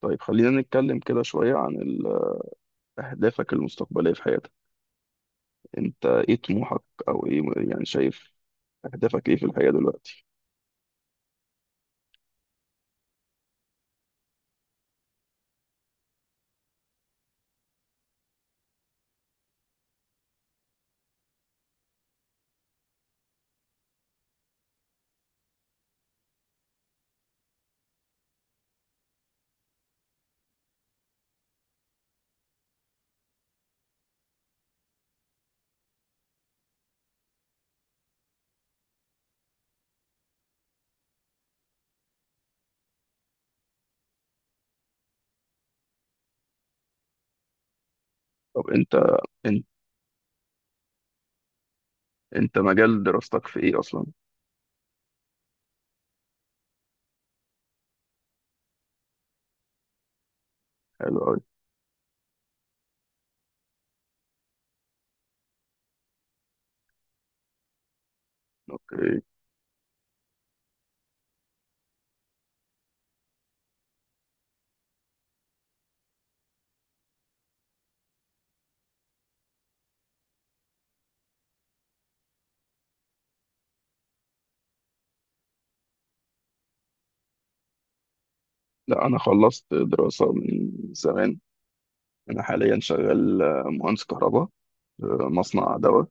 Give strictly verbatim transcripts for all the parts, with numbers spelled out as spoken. طيب، خلينا نتكلم كده شوية عن ال- أهدافك المستقبلية في حياتك. أنت إيه طموحك؟ أو إيه يعني، شايف أهدافك إيه في الحياة دلوقتي؟ طب أنت أنت أنت مجال دراستك في إيه أصلا؟ حلو أوي. أوكي. لا، أنا خلصت دراسة من زمان. أنا حاليا شغال مهندس كهرباء في مصنع دواء.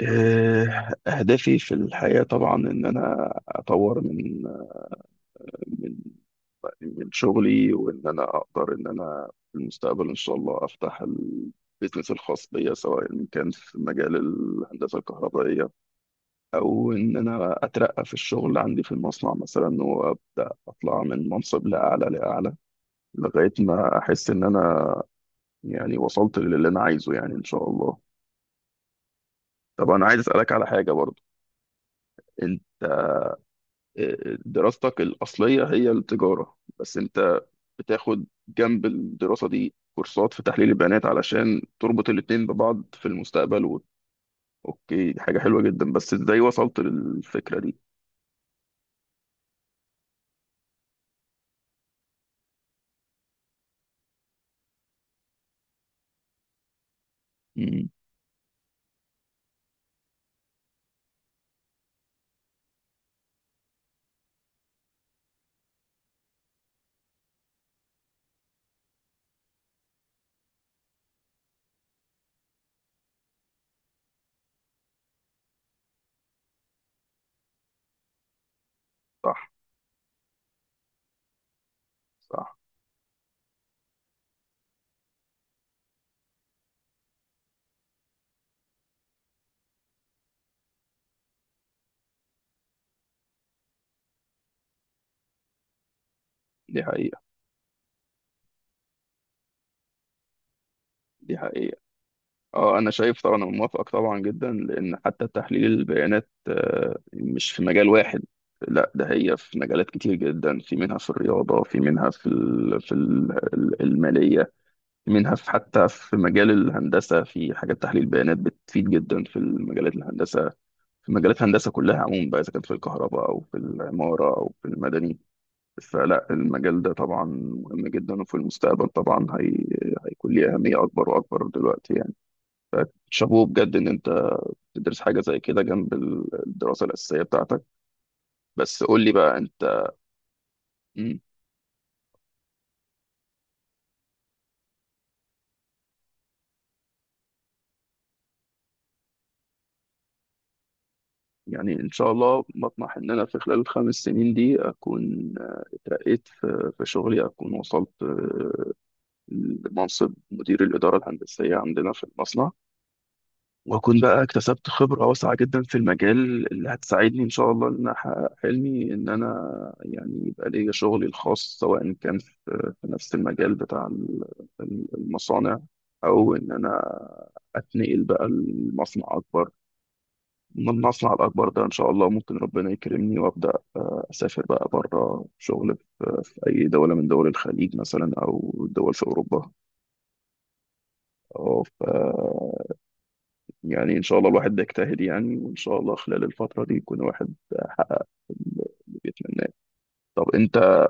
إيه، أهدافي في الحياة طبعا إن أنا أطور من من شغلي، وان انا اقدر ان انا في المستقبل ان شاء الله افتح البيزنس الخاص بيا، سواء إن كان في مجال الهندسه الكهربائيه، او ان انا اترقى في الشغل عندي في المصنع مثلا وابدا اطلع من منصب لاعلى لاعلى لغايه ما احس ان انا يعني وصلت للي انا عايزه، يعني ان شاء الله. طب انا عايز اسالك على حاجه برضو. انت آه، دراستك الاصليه هي التجاره، بس انت بتاخد جنب الدراسة دي كورسات في تحليل البيانات علشان تربط الاتنين ببعض في المستقبل و... اوكي، دي حاجة حلوة جدا، بس ازاي وصلت للفكرة دي؟ مم. صح. صح. دي حقيقة. دي حقيقة. اه، انا شايف طبعا، انا موافقك طبعا جدا، لان حتى تحليل البيانات آه، مش في مجال واحد. لا ده هي في مجالات كتير جدا، في منها في الرياضة، في منها في ال... في ال- المالية، منها في حتى في مجال الهندسة، في حاجات تحليل بيانات بتفيد جدا في المجالات الهندسة، في مجالات الهندسة كلها عموما بقى، إذا كان في الكهرباء أو في العمارة أو في المدني. فلا، المجال ده طبعا مهم جدا، وفي المستقبل طبعا هي... هيكون ليه أهمية أكبر وأكبر دلوقتي يعني. شابوه بجد إن أنت تدرس حاجة زي كده جنب الدراسة الأساسية بتاعتك. بس قول لي بقى أنت. مم. يعني إن شاء الله بطمح إن أنا في خلال الخمس سنين دي أكون اترقيت في في شغلي، أكون وصلت منصب مدير الإدارة الهندسية عندنا في المصنع، وأكون بقى اكتسبت خبرة واسعة جدا في المجال اللي هتساعدني إن شاء الله إن أحقق حلمي إن أنا يعني يبقى ليا شغلي الخاص، سواء كان في في نفس المجال بتاع ال- ال- المصانع، أو إن أنا أتنقل بقى لمصنع أكبر من المصنع الأكبر ده. إن شاء الله ممكن ربنا يكرمني وأبدأ آه، أسافر بقى بره شغل في في أي دولة من دول الخليج مثلا أو دول في أوروبا أو في يعني إن شاء الله الواحد بيجتهد يعني، وإن شاء الله خلال الفترة دي يكون الواحد حقق اللي بيتمناه. طب أنت،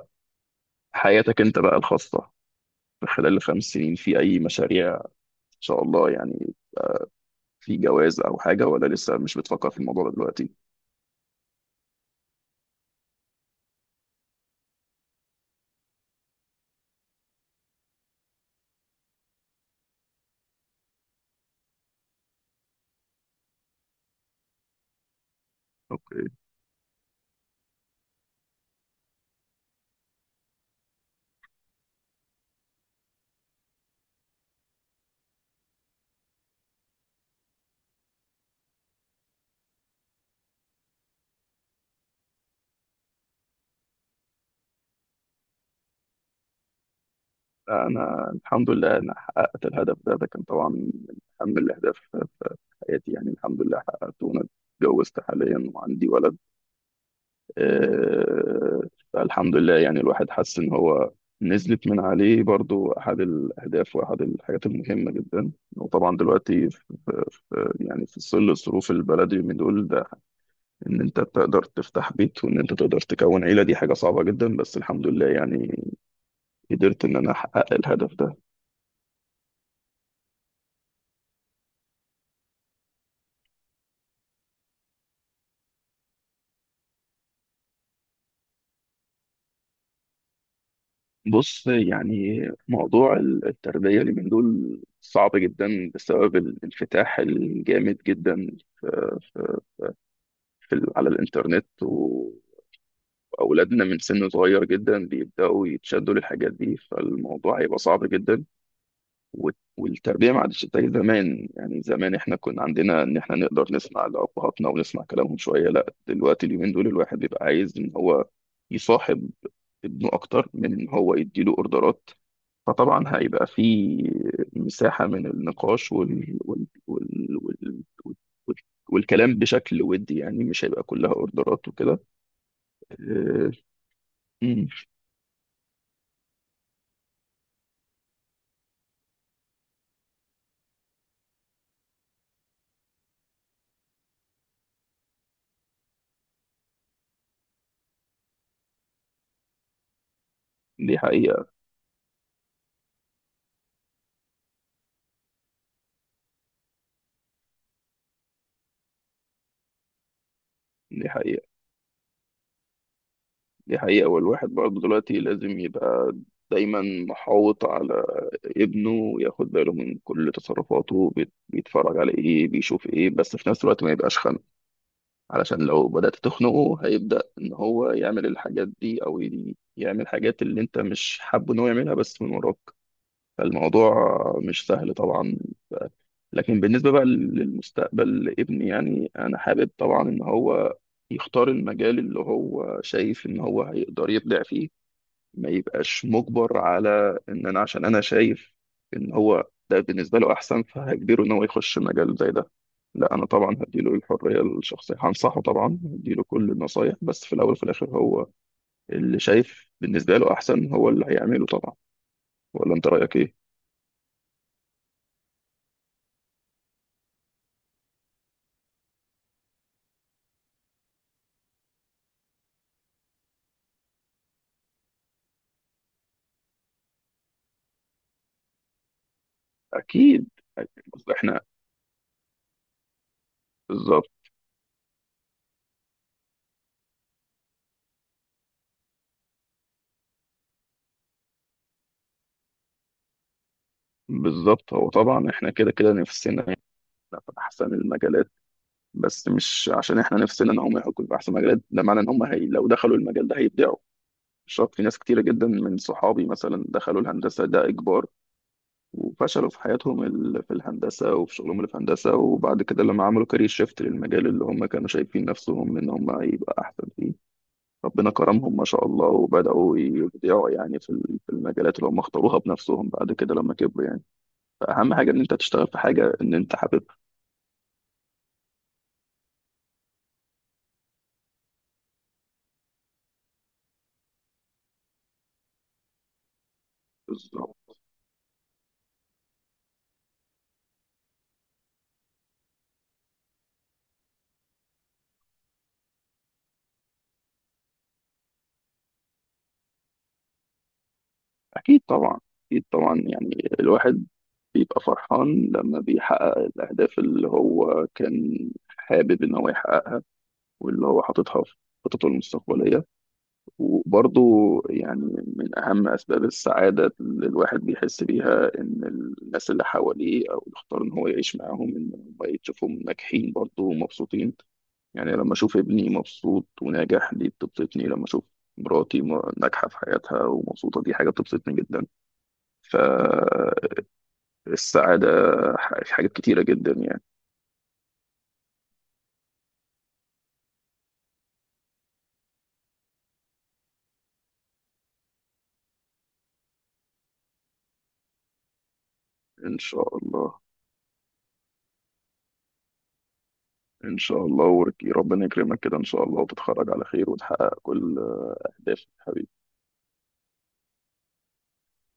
حياتك أنت بقى الخاصة في خلال الخمس سنين في أي مشاريع إن شاء الله يعني، في جواز أو حاجة، ولا لسه مش بتفكر في الموضوع ده دلوقتي؟ أوكي. أنا الحمد لله أنا حققت الهدف ده. ده كان طبعا من أهم الأهداف في في حياتي، يعني الحمد لله حققته، وأنا اتجوزت حاليا وعندي ولد. آه، فالحمد لله يعني الواحد حس ان هو نزلت من عليه برضو احد الاهداف، واحد الحاجات المهمه جدا. وطبعا دلوقتي في في- يعني في ظل الظروف البلدي من دول ده ان انت تقدر تفتح بيت وان انت تقدر تكون عيله، دي حاجه صعبه جدا، بس الحمد لله يعني قدرت ان انا احقق الهدف ده. بص يعني موضوع التربيه اللي من دول صعب جدا بسبب الانفتاح الجامد جدا في في- على الانترنت، واولادنا من سن صغير جدا بيبداوا يتشدوا للحاجات دي، فالموضوع هيبقى صعب جدا. وال- والتربيه ما عادش زي زمان، يعني زمان احنا كنا عندنا ان احنا نقدر نسمع لابهاتنا ونسمع كلامهم شويه، لا دلوقتي اليومين دول الواحد بيبقى عايز ان هو يصاحب ابنه اكتر من ان هو يديله اوردرات. فطبعا هيبقى في مساحه من النقاش وال... وال... وال... وال... وال... والكلام بشكل ودي، يعني مش هيبقى كلها اوردرات وكده. أه... مم، دي حقيقة. دي حقيقة. دي حقيقة، والواحد برضه دلوقتي لازم يبقى دايما محاوط على ابنه، وياخد باله من كل تصرفاته، بيت- بيتفرج على ايه، بيشوف ايه، بس في نفس الوقت ما يبقاش خانق، علشان لو بدأت تخنقه هيبدأ ان هو يعمل الحاجات دي، او ي- يعمل حاجات اللي انت مش حابه ان هو يعملها بس من وراك. فالموضوع مش سهل طبعا. لكن بالنسبة بقى للمستقبل لابني، يعني أنا حابب طبعا إن هو يختار المجال اللي هو شايف إن هو هيقدر يبدع فيه، ما يبقاش مجبر، على إن أنا عشان أنا شايف إن هو ده بالنسبة له أحسن فهجبره إن هو يخش مجال زي ده. لا، أنا طبعا هديله الحرية الشخصية، هنصحه طبعا، هديله كل النصايح، بس في الأول وفي الآخر هو اللي شايف بالنسبة له أحسن هو اللي هيعمله طبعا. ولا أنت رأيك إيه؟ أكيد. أكيد. إحنا. بالظبط. بالظبط. هو طبعا احنا كده كده نفسنا يبقى في احسن المجالات، بس مش عشان احنا نفسنا ان هم يحققوا في احسن مجالات ده معنى ان هم هي لو دخلوا المجال ده هيبدعوا، مش شرط. في ناس كتيره جدا من صحابي مثلا دخلوا الهندسه ده اجبار وفشلوا في حياتهم ال- في الهندسه وفي شغلهم اللي في هندسه، وبعد كده لما عملوا كارير شيفت للمجال اللي هم كانوا شايفين نفسهم ان هم هيبقى احسن فيه، ربنا كرمهم ما شاء الله وبداوا يبدعوا يعني في ال- في المجالات اللي هم اختاروها بنفسهم بعد كده لما كبروا يعني. فأهم حاجة إن أنت تشتغل في حاجة إن أنت حاببها. بالظبط. أكيد طبعا. أكيد طبعا يعني الواحد بيبقى فرحان لما بيحقق الأهداف اللي هو كان حابب إن هو يحققها، واللي هو حاططها في خططه المستقبلية. وبرضه يعني، من أهم أسباب السعادة اللي الواحد بيحس بيها إن الناس اللي حواليه أو اللي اختار إن هو يعيش معاهم إن هم يشوفهم ناجحين برضه ومبسوطين. يعني لما أشوف ابني مبسوط وناجح دي بتبسطني، لما أشوف مراتي م- ناجحة في حياتها ومبسوطة دي حاجة بتبسطني جدا. فالسعادة ح- في حاجات كتيرة جدا يعني. إن شاء الله. إن شاء الله وربنا يكرمك كده إن شاء الله، وتتخرج على خير وتحقق كل أهدافك.